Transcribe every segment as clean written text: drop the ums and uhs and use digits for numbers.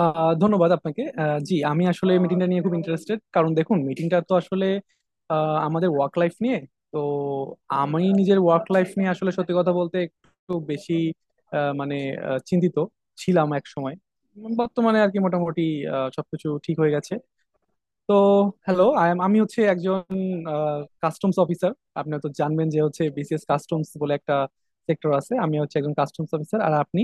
ধন্যবাদ আপনাকে। জি, আমি আসলে মিটিংটা নিয়ে খুব ইন্টারেস্টেড, কারণ দেখুন মিটিংটা তো আসলে আমাদের ওয়ার্ক লাইফ নিয়ে। তো আমি নিজের ওয়ার্ক লাইফ নিয়ে আসলে সত্যি কথা বলতে একটু বেশি আহ, মানে চিন্তিত ছিলাম এক সময়। বর্তমানে আর কি মোটামুটি সবকিছু ঠিক হয়ে গেছে। তো, হ্যালো, আমি হচ্ছে একজন কাস্টমস অফিসার। আপনি তো জানবেন যে হচ্ছে বিসিএস কাস্টমস বলে একটা সেক্টর আছে। আমি হচ্ছে একজন কাস্টমস অফিসার, আর আপনি?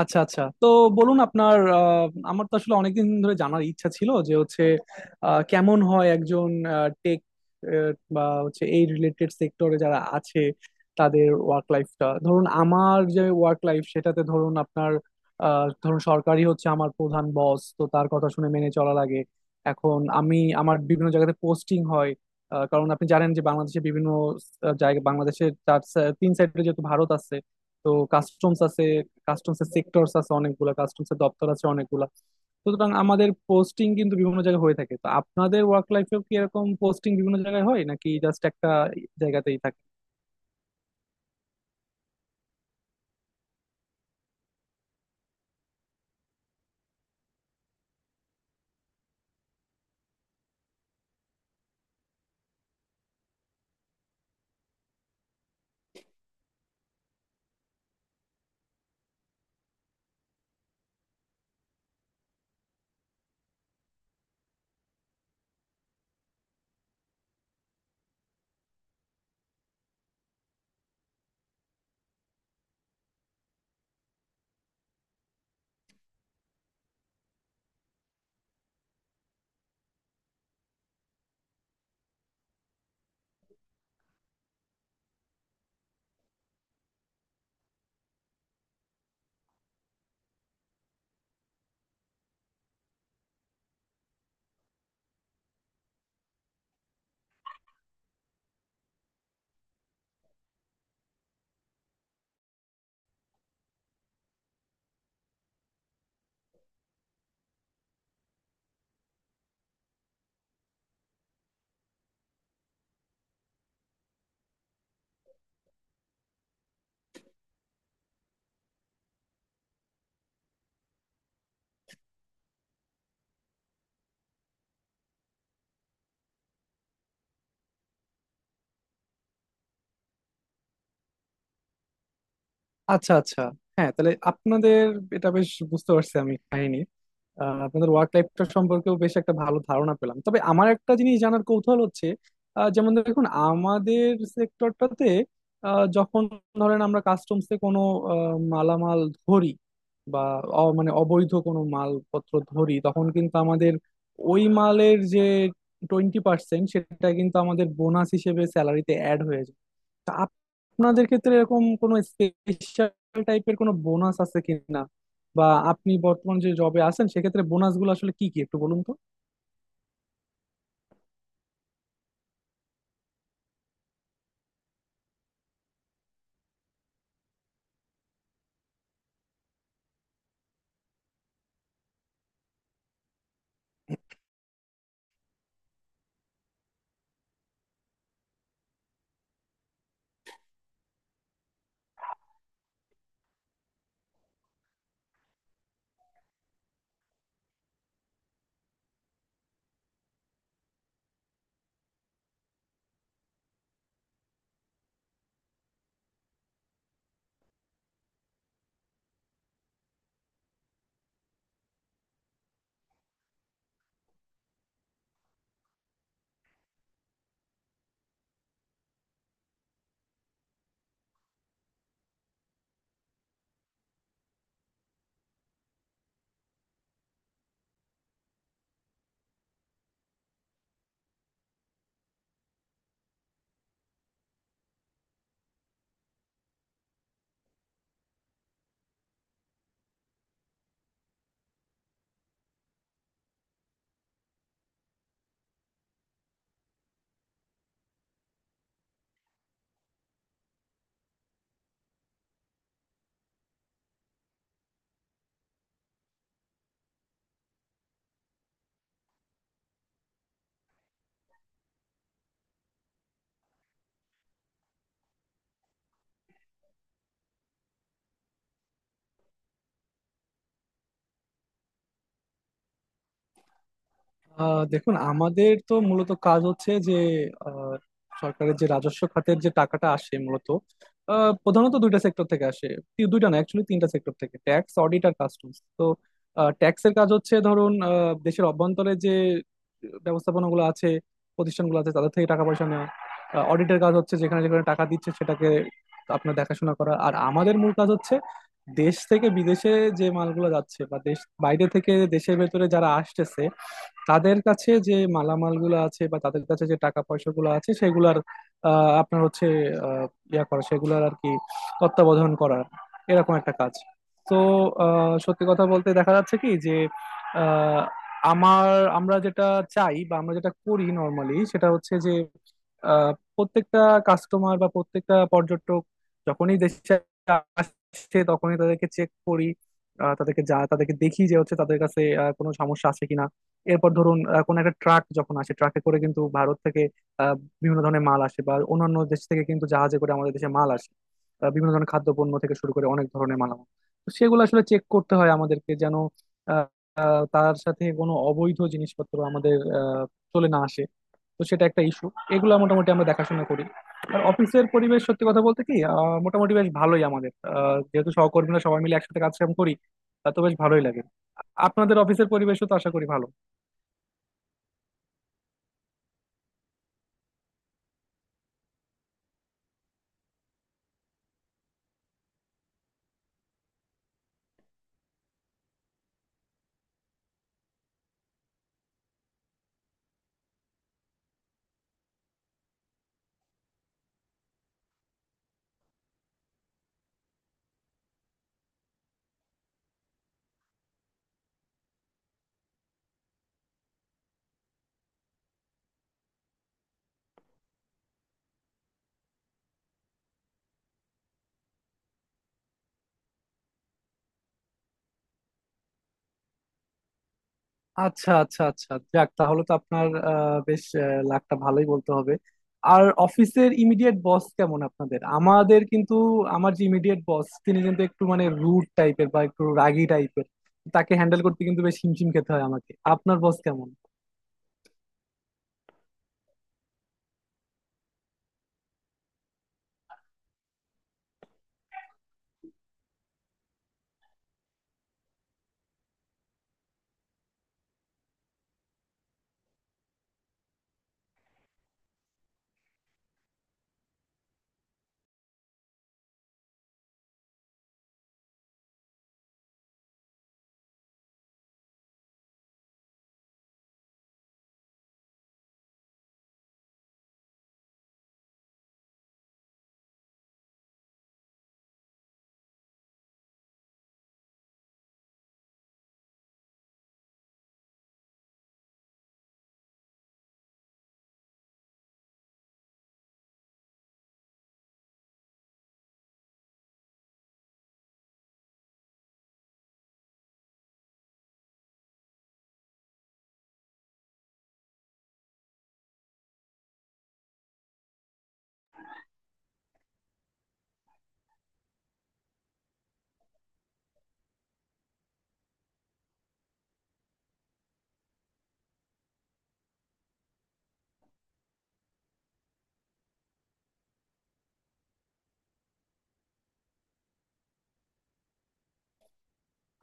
আচ্ছা আচ্ছা, তো বলুন আপনার। আমার তো আসলে অনেকদিন ধরে জানার ইচ্ছা ছিল যে হচ্ছে কেমন হয় একজন টেক বা হচ্ছে এই রিলেটেড সেক্টরে যারা আছে তাদের ওয়ার্ক লাইফটা। ধরুন আমার যে ওয়ার্ক লাইফ, সেটাতে ধরুন আপনার ধরুন, সরকারি হচ্ছে আমার প্রধান বস, তো তার কথা শুনে মেনে চলা লাগে। এখন আমি আমার বিভিন্ন জায়গাতে পোস্টিং হয়। কারণ আপনি জানেন যে বাংলাদেশে বিভিন্ন জায়গা, বাংলাদেশের তিন সাইডে যেহেতু ভারত আছে, তো কাস্টমস আছে, কাস্টমসের সেক্টরস আছে অনেকগুলা, কাস্টমসের দপ্তর আছে অনেকগুলা। সুতরাং আমাদের পোস্টিং কিন্তু বিভিন্ন জায়গায় হয়ে থাকে। তো আপনাদের ওয়ার্ক লাইফেও কি এরকম পোস্টিং বিভিন্ন জায়গায় হয় নাকি জাস্ট একটা জায়গাতেই থাকে? আচ্ছা আচ্ছা। হ্যাঁ, তাহলে আপনাদের এটা বেশ বুঝতে পারছি আমি, কাহিনী। আপনাদের ওয়ার্ক লাইফটা সম্পর্কেও বেশ একটা ভালো ধারণা পেলাম। তবে আমার একটা জিনিস জানার কৌতূহল হচ্ছে। যেমন দেখুন, আমাদের সেক্টরটাতে যখন ধরেন আমরা কাস্টমসে কোনো মালামাল ধরি, বা মানে অবৈধ কোনো মালপত্র ধরি, তখন কিন্তু আমাদের ওই মালের যে 20% সেটা কিন্তু আমাদের বোনাস হিসেবে স্যালারিতে অ্যাড হয়ে যায়। তা আপ- আপনাদের ক্ষেত্রে এরকম কোনো স্পেশাল টাইপের কোনো বোনাস আছে কিনা, বা আপনি বর্তমান যে জবে আছেন সেক্ষেত্রে বোনাস গুলো আসলে কি কি একটু বলুন তো। দেখুন, আমাদের তো মূলত কাজ হচ্ছে যে আহ, সরকারের যে রাজস্ব খাতের যে টাকাটা আসে, মূলত প্রধানত দুইটা সেক্টর থেকে আসে। দুইটা না, অ্যাকচুয়ালি তিনটা সেক্টর থেকে: ট্যাক্স, অডিট আর কাস্টমস। তো ট্যাক্সের কাজ হচ্ছে, ধরুন দেশের অভ্যন্তরে যে ব্যবস্থাপনাগুলো আছে, প্রতিষ্ঠানগুলো আছে, তাদের থেকে টাকা পয়সা নেওয়া। অডিটের কাজ হচ্ছে যেখানে যেখানে টাকা দিচ্ছে সেটাকে আপনার দেখাশোনা করা। আর আমাদের মূল কাজ হচ্ছে দেশ থেকে বিদেশে যে মালগুলো যাচ্ছে, বা দেশ বাইরে থেকে দেশের ভেতরে যারা আসতেছে, তাদের কাছে যে মালামালগুলো আছে বা তাদের কাছে যে টাকা পয়সাগুলো আছে সেগুলার আহ, আপনার হচ্ছে আহ, ইয়া করা সেগুলার আর কি, তত্ত্বাবধান করার এরকম একটা কাজ। তো সত্যি কথা বলতে দেখা যাচ্ছে কি যে আহ, আমার আমরা যেটা চাই বা আমরা যেটা করি নর্মালি, সেটা হচ্ছে যে আহ, প্রত্যেকটা কাস্টমার বা প্রত্যেকটা পর্যটক যখনই দেশে আসছে তখনই তাদেরকে চেক করি। তাদেরকে যা তাদেরকে দেখি যে হচ্ছে তাদের কাছে কোনো সমস্যা আছে কিনা। এরপর ধরুন কোনো একটা ট্রাক যখন আসে, ট্রাকে করে কিন্তু ভারত থেকে আহ, বিভিন্ন ধরনের মাল আসে, বা অন্যান্য দেশ থেকে কিন্তু জাহাজে করে আমাদের দেশে মাল আসে। বিভিন্ন ধরনের খাদ্যপণ্য থেকে শুরু করে অনেক ধরনের মালামাল। তো সেগুলো আসলে চেক করতে হয় আমাদেরকে, যেন আহ, আহ, তার সাথে কোনো অবৈধ জিনিসপত্র আমাদের চলে না আসে। তো সেটা একটা ইস্যু, এগুলো মোটামুটি আমরা দেখাশোনা করি। আর অফিসের পরিবেশ সত্যি কথা বলতে কি মোটামুটি বেশ ভালোই আমাদের, যেহেতু সহকর্মীরা সবাই মিলে একসাথে কাজ কাম করি, তো বেশ ভালোই লাগে। আপনাদের অফিসের পরিবেশও তো আশা করি ভালো। আচ্ছা আচ্ছা আচ্ছা, যাক তাহলে তো আপনার বেশ লাকটা ভালোই বলতে হবে। আর অফিসের ইমিডিয়েট বস কেমন আপনাদের? আমাদের কিন্তু, আমার যে ইমিডিয়েট বস, তিনি কিন্তু একটু মানে রুড টাইপের বা একটু রাগী টাইপের। তাকে হ্যান্ডেল করতে কিন্তু বেশ হিমশিম খেতে হয় আমাকে। আপনার বস কেমন?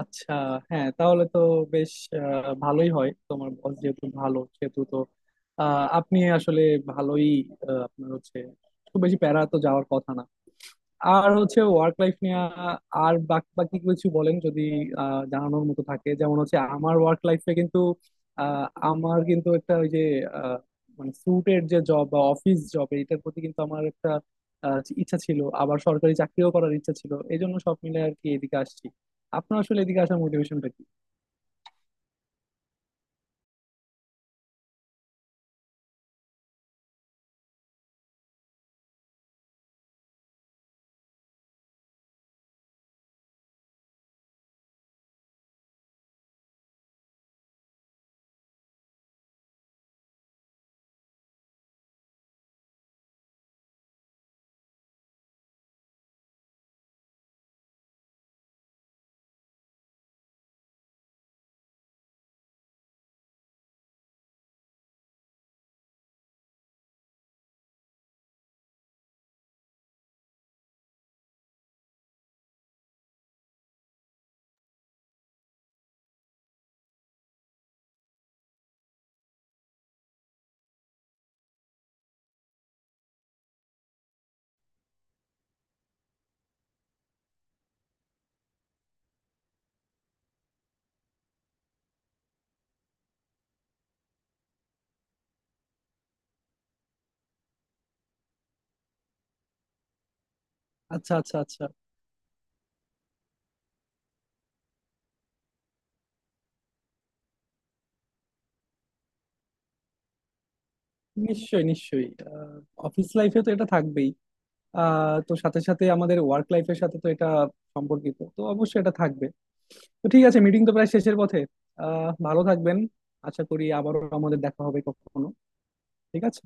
আচ্ছা। হ্যাঁ, তাহলে তো বেশ ভালোই হয়। তোমার বস যেহেতু ভালো, সেহেতু তো আপনি আসলে ভালোই। আপনার হচ্ছে খুব বেশি প্যারা তো যাওয়ার কথা না। আর হচ্ছে ওয়ার্ক লাইফ নিয়ে আর বাকি বাকি কিছু বলেন যদি জানানোর মতো থাকে। যেমন হচ্ছে আমার ওয়ার্ক লাইফে কিন্তু আহ, আমার কিন্তু একটা ওই যে আহ, মানে স্যুটের যে জব বা অফিস জব এটার প্রতি কিন্তু আমার একটা ইচ্ছা ছিল, আবার সরকারি চাকরিও করার ইচ্ছা ছিল, এই জন্য সব মিলে আর কি এদিকে আসছি। আপনার আসলে এদিকে আসার মোটিভেশনটা কি? আচ্ছা আচ্ছা আচ্ছা। নিশ্চয়ই নিশ্চয়ই, অফিস লাইফে তো এটা থাকবেই। তো সাথে সাথে আমাদের ওয়ার্ক লাইফের সাথে তো এটা সম্পর্কিত, তো অবশ্যই এটা থাকবে। তো ঠিক আছে, মিটিং তো প্রায় শেষের পথে। ভালো থাকবেন, আশা করি আবারও আমাদের দেখা হবে কখনো। ঠিক আছে।